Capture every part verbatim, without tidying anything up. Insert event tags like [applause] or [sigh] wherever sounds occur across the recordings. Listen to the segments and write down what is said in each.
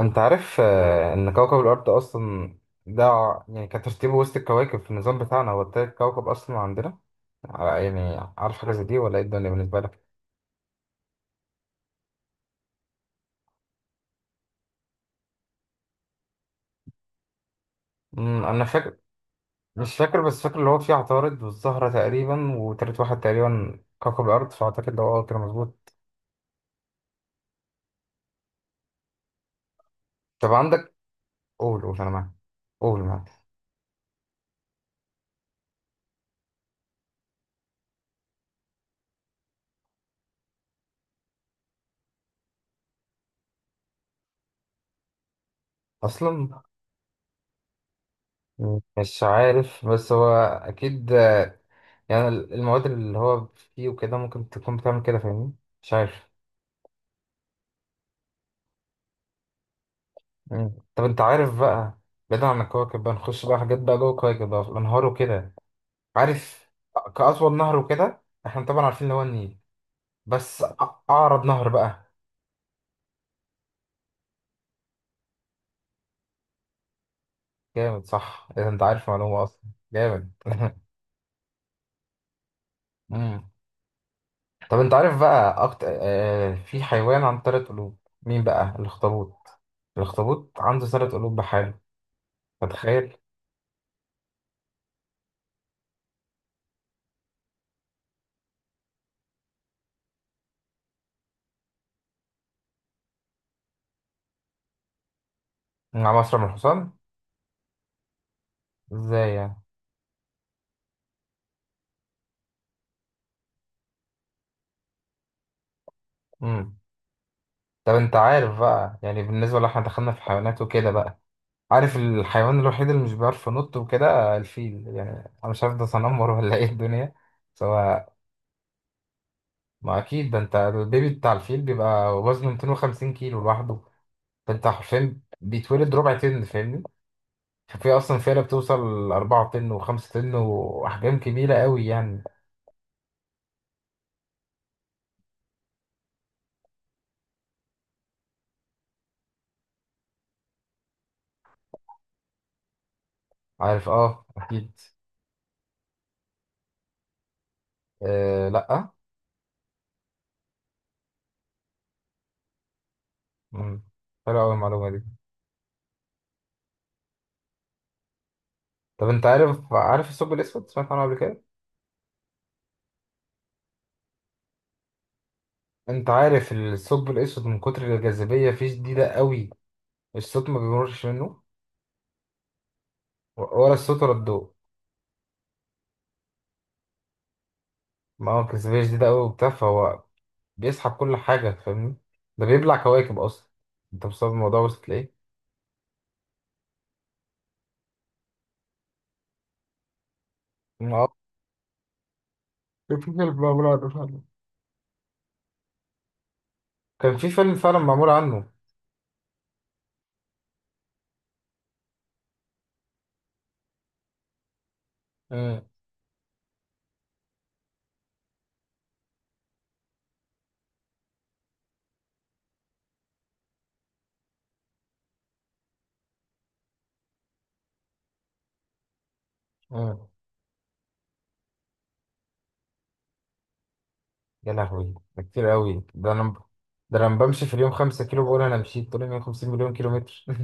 انت عارف آه، ان كوكب الارض اصلا ده ع- يعني كان ترتيبه وسط الكواكب في النظام بتاعنا، هو تالت كوكب اصلا عندنا. ع- يعني عارف حاجه زي دي ولا ايه الدنيا بالنسبه لك؟ امم، انا فاكر. مش فاكر بس فاكر اللي هو فيه عطارد والزهره تقريبا، وتالت واحد تقريبا كوكب الارض، فاعتقد ده هو كده مظبوط. طب عندك، قول قول انا معاك. قول معاك. اصلا مش عارف بس هو اكيد. آه، يعني المواد اللي هو فيه وكده ممكن تكون بتعمل كده، فاهمني؟ مش عارف. مم. طب انت عارف بقى، بعيدا عن الكواكب بقى نخش بقى حاجات بقى جوه الكواكب بقى، في الانهار وكده. عارف كأطول نهر وكده، احنا طبعا عارفين اللي هو النيل. بس أ- أعرض نهر بقى؟ جامد صح اذا انت عارف معلومة اصلا. جامد [laughs] مم. طب انت عارف بقى أكتر، آه في حيوان عنده تلات قلوب؟ مين بقى؟ الاخطبوط. الاخطبوط عنده تلات قلوب بحاله، فتخيل. مع مصر من الحصان؟ ازاي يعني؟ مم. طب انت عارف بقى، يعني بالنسبة لو احنا دخلنا في حيوانات وكده بقى، عارف الحيوان الوحيد اللي مش بيعرف ينط وكده؟ الفيل يعني. انا مش عارف ده تنمر ولا ايه الدنيا، سواء. ما اكيد ده، انت البيبي بتاع الفيل بيبقى وزنه مئتين وخمسين كيلو لوحده. فانت حرفيا بيتولد ربع طن، فاهمني؟ ففي اصلا فيلة بتوصل اربعة طن و5 طن واحجام كبيره قوي يعني. عارف، اه اكيد. آه لا. مم. حلوه قوي المعلومه دي. طب انت عارف عارف الثقب الاسود، سمعت عنه قبل كده؟ انت عارف الثقب الاسود من كتر الجاذبيه فيه شديده قوي، الصوت ما بيمرش منه، ولا الصوت ولا الضوء. ما هو الجاذبية شديدة أوي وبتاع، فهو بيسحب كل حاجة فاهمني. ده بيبلع كواكب أصلا. أنت مستوعب الموضوع، وصلت لإيه؟ آه. كان في فيلم معمول عنه فعلا. كان في فيلم فعلا معمول عنه. مم. مم. يا لهوي ده كتير أوي. ده أنا، ده أنا بمشي في اليوم خمسة كيلو، بقول أنا مشيت طول مية وخمسين مليون كيلو متر [laughs]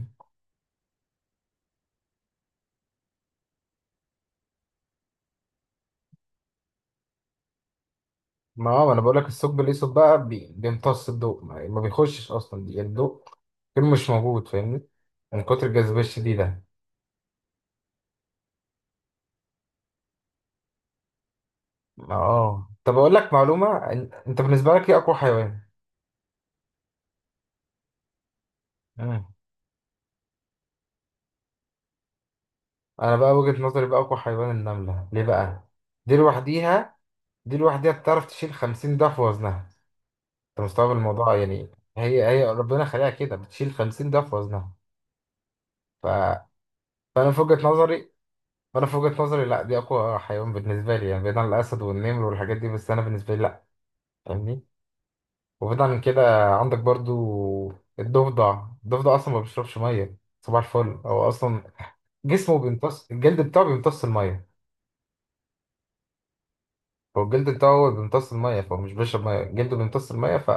ما هو أنا بقول لك الثقب الأسود بقى بي- بيمتص الضوء، ما ما بيخشش أصلا يعني الضوء كله مش موجود فاهمني، من كتر الجاذبية الشديدة. اه طب اقول لك معلومه، إن- انت بالنسبه لك ايه اقوى حيوان؟ مم. انا بقى وجهه نظري بقى اقوى حيوان النمله، ليه بقى؟ دي لوحديها، دي لوحديها بتعرف تشيل خمسين ضعف وزنها. انت مستوعب الموضوع يعني؟ هي هي ربنا خلقها كده، بتشيل خمسين ضعف وزنها. ف... فانا في وجهه نظري، فانا في وجهه نظري لا دي اقوى حيوان بالنسبه لي يعني، بعيد عن الاسد والنمر والحاجات دي، بس انا بالنسبه لي لا. فاهمني؟ وبعيد عن كده، عندك برضو الضفدع. الضفدع اصلا ما بيشربش ميه، صباح الفل. هو اصلا جسمه بيمتص، الجلد بتاعه بيمتص الميه. هو الجلد بتاعه هو اللي بيمتص الميه، فهو مش بيشرب ميه، جلده بيمتص الميه، ف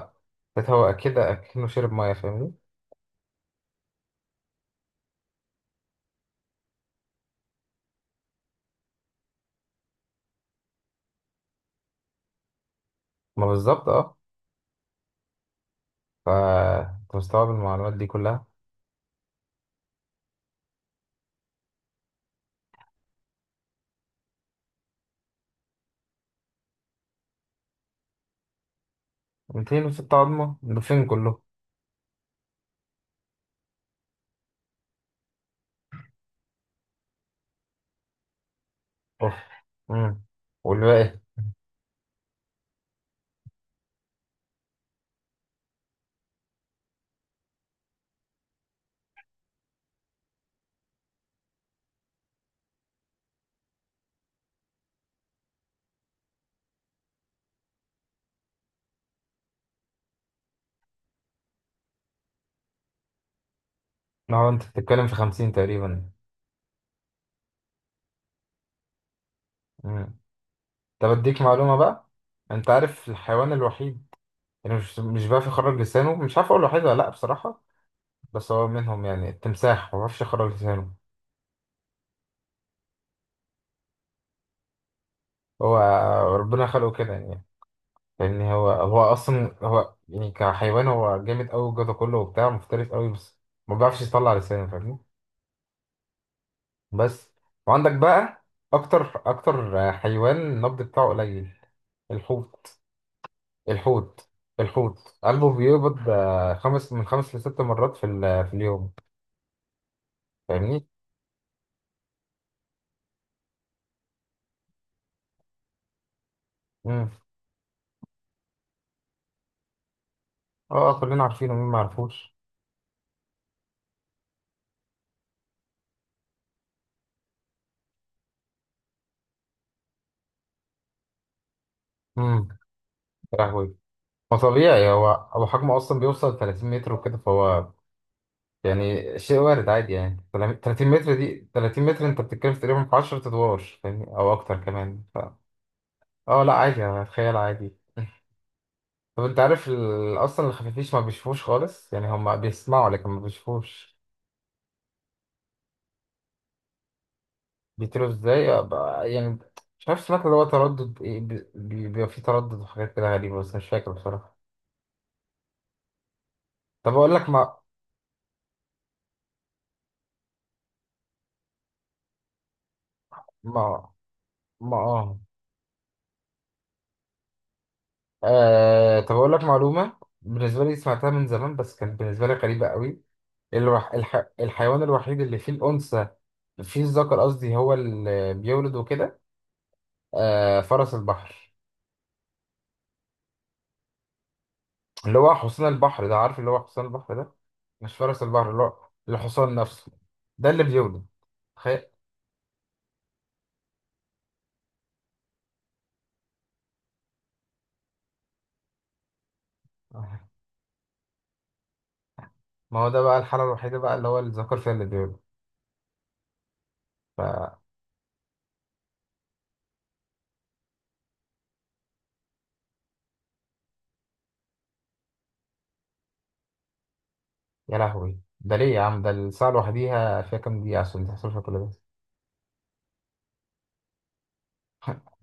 بتهوى كده اكنه شرب ميه فاهمني. ما بالظبط اه. ف أنت مستوعب المعلومات دي كلها. ميتين وستة عظمه ده فين كله؟ اوف. امم. والباقي؟ ما هو انت بتتكلم في خمسين تقريبا. امم. طب اديك معلومه بقى، انت عارف الحيوان الوحيد، يعني مش مش بيعرف يخرج لسانه، مش عارف اقول له حاجه ولا لا بصراحه، بس هو منهم يعني التمساح، ما بيعرفش يخرج لسانه. هو ربنا خلقه كده يعني، فاهمني. هو هو اصلا هو يعني كحيوان هو جامد قوي الجدع كله وبتاع، مفترس قوي بس ما بيعرفش يطلع لسانه فاهمني. بس. وعندك بقى اكتر اكتر حيوان النبض بتاعه قليل، الحوت. الحوت. الحوت قلبه بيقبض آه، خمس من خمس لست مرات في ال- في اليوم، فاهمني. امم. اه كلنا عارفينه، مين ما عرفوش؟ يا لهوي. ما طبيعي، هو هو حجمه اصلا بيوصل تلاتين متر وكده، فهو يعني شيء وارد عادي يعني. تلاتين متر دي، تلاتين متر انت بتتكلم في تقريبا في عشر ادوار فاهمني، او اكتر كمان ف... اه لا عادي، اتخيل عادي. طب انت عارف ال... اصلا الخفافيش ما بيشوفوش خالص يعني، هم بيسمعوا لكن ما بيشوفوش. بيطيروا ازاي أبقى- يعني؟ مش عارف، سمعت اللي هو تردد ايه، بي- بي- بيبقى فيه تردد وحاجات كده غريبة بس مش فاكر بصراحة. طب اقول لك، ما ما ما اه. آه طب أقول لك معلومة بالنسبة لي سمعتها من زمان بس كانت بالنسبة لي غريبة قوي. الوح... الح... الحيوان الوحيد اللي فيه الأنثى، فيه الذكر قصدي هو اللي بيولد وكده، آه فرس البحر. اللي هو حصان البحر ده، عارف اللي هو حصان البحر ده، مش فرس البحر اللي هو الحصان نفسه، ده اللي بيولد، تخيل. ما هو ده بقى الحالة الوحيدة بقى اللي هو الذكر فيها اللي بيولد، ف يا لهوي ده ليه يا عم، ده الساعة لوحديها فيها كام دقيقة عشان تحصل فيها كل ده.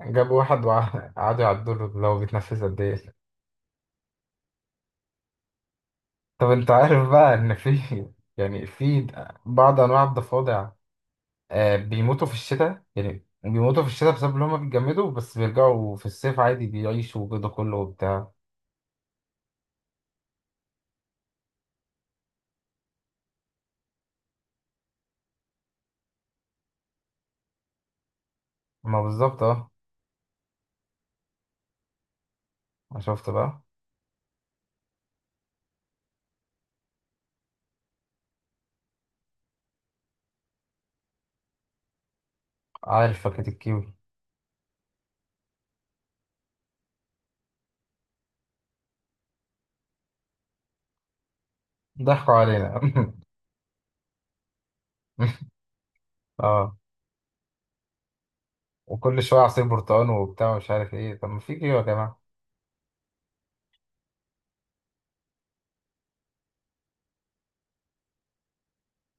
جابوا واحد وقعدوا يعدوا له لو بيتنفس قد ايه. طب انت عارف بقى ان في [laughs] يعني في بعض انواع الضفادع، آه بيموتوا في الشتاء، يعني بيموتوا في الشتاء بسبب ان هم بيتجمدوا، بس بيرجعوا في الصيف عادي، بيعيشوا وجوده كله وبتاع. ما بالظبط اه. ما شفت بقى. عارف فاكهة الكيوي؟ ضحكوا علينا [laughs] اه، وكل شوية عصير برتقال وبتاع، مش عارف ايه، طب ما في كيوي يا جماعة.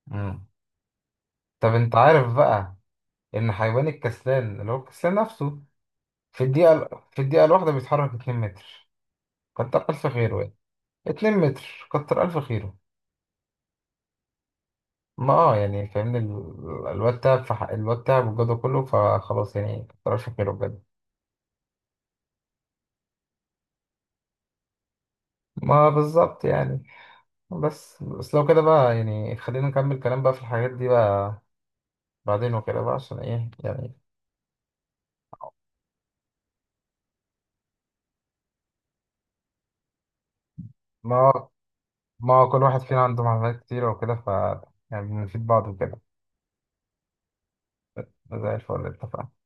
مم. طب انت عارف بقى ان حيوان الكسلان اللي هو الكسلان نفسه، في الدقيقة، في الدقيقة الواحدة بيتحرك مترين متر. كتر ألف خيره يعني. مترين متر، كتر ألف خيره. ما اه يعني فاهمني، ال- الواد تعب، في حق الواد تعب والجو كله، فخلاص يعني كتر ألف خيره بجد. ما بالظبط يعني. بس بس لو كده بقى يعني خلينا نكمل كلام بقى في الحاجات دي بقى، بعدين وكده بقى عشان ايه يعني. ما ما كل واحد فينا عنده معلومات كتير وكده، ف يعني بنفيد بعض وكده. زي الفل، اتفقنا.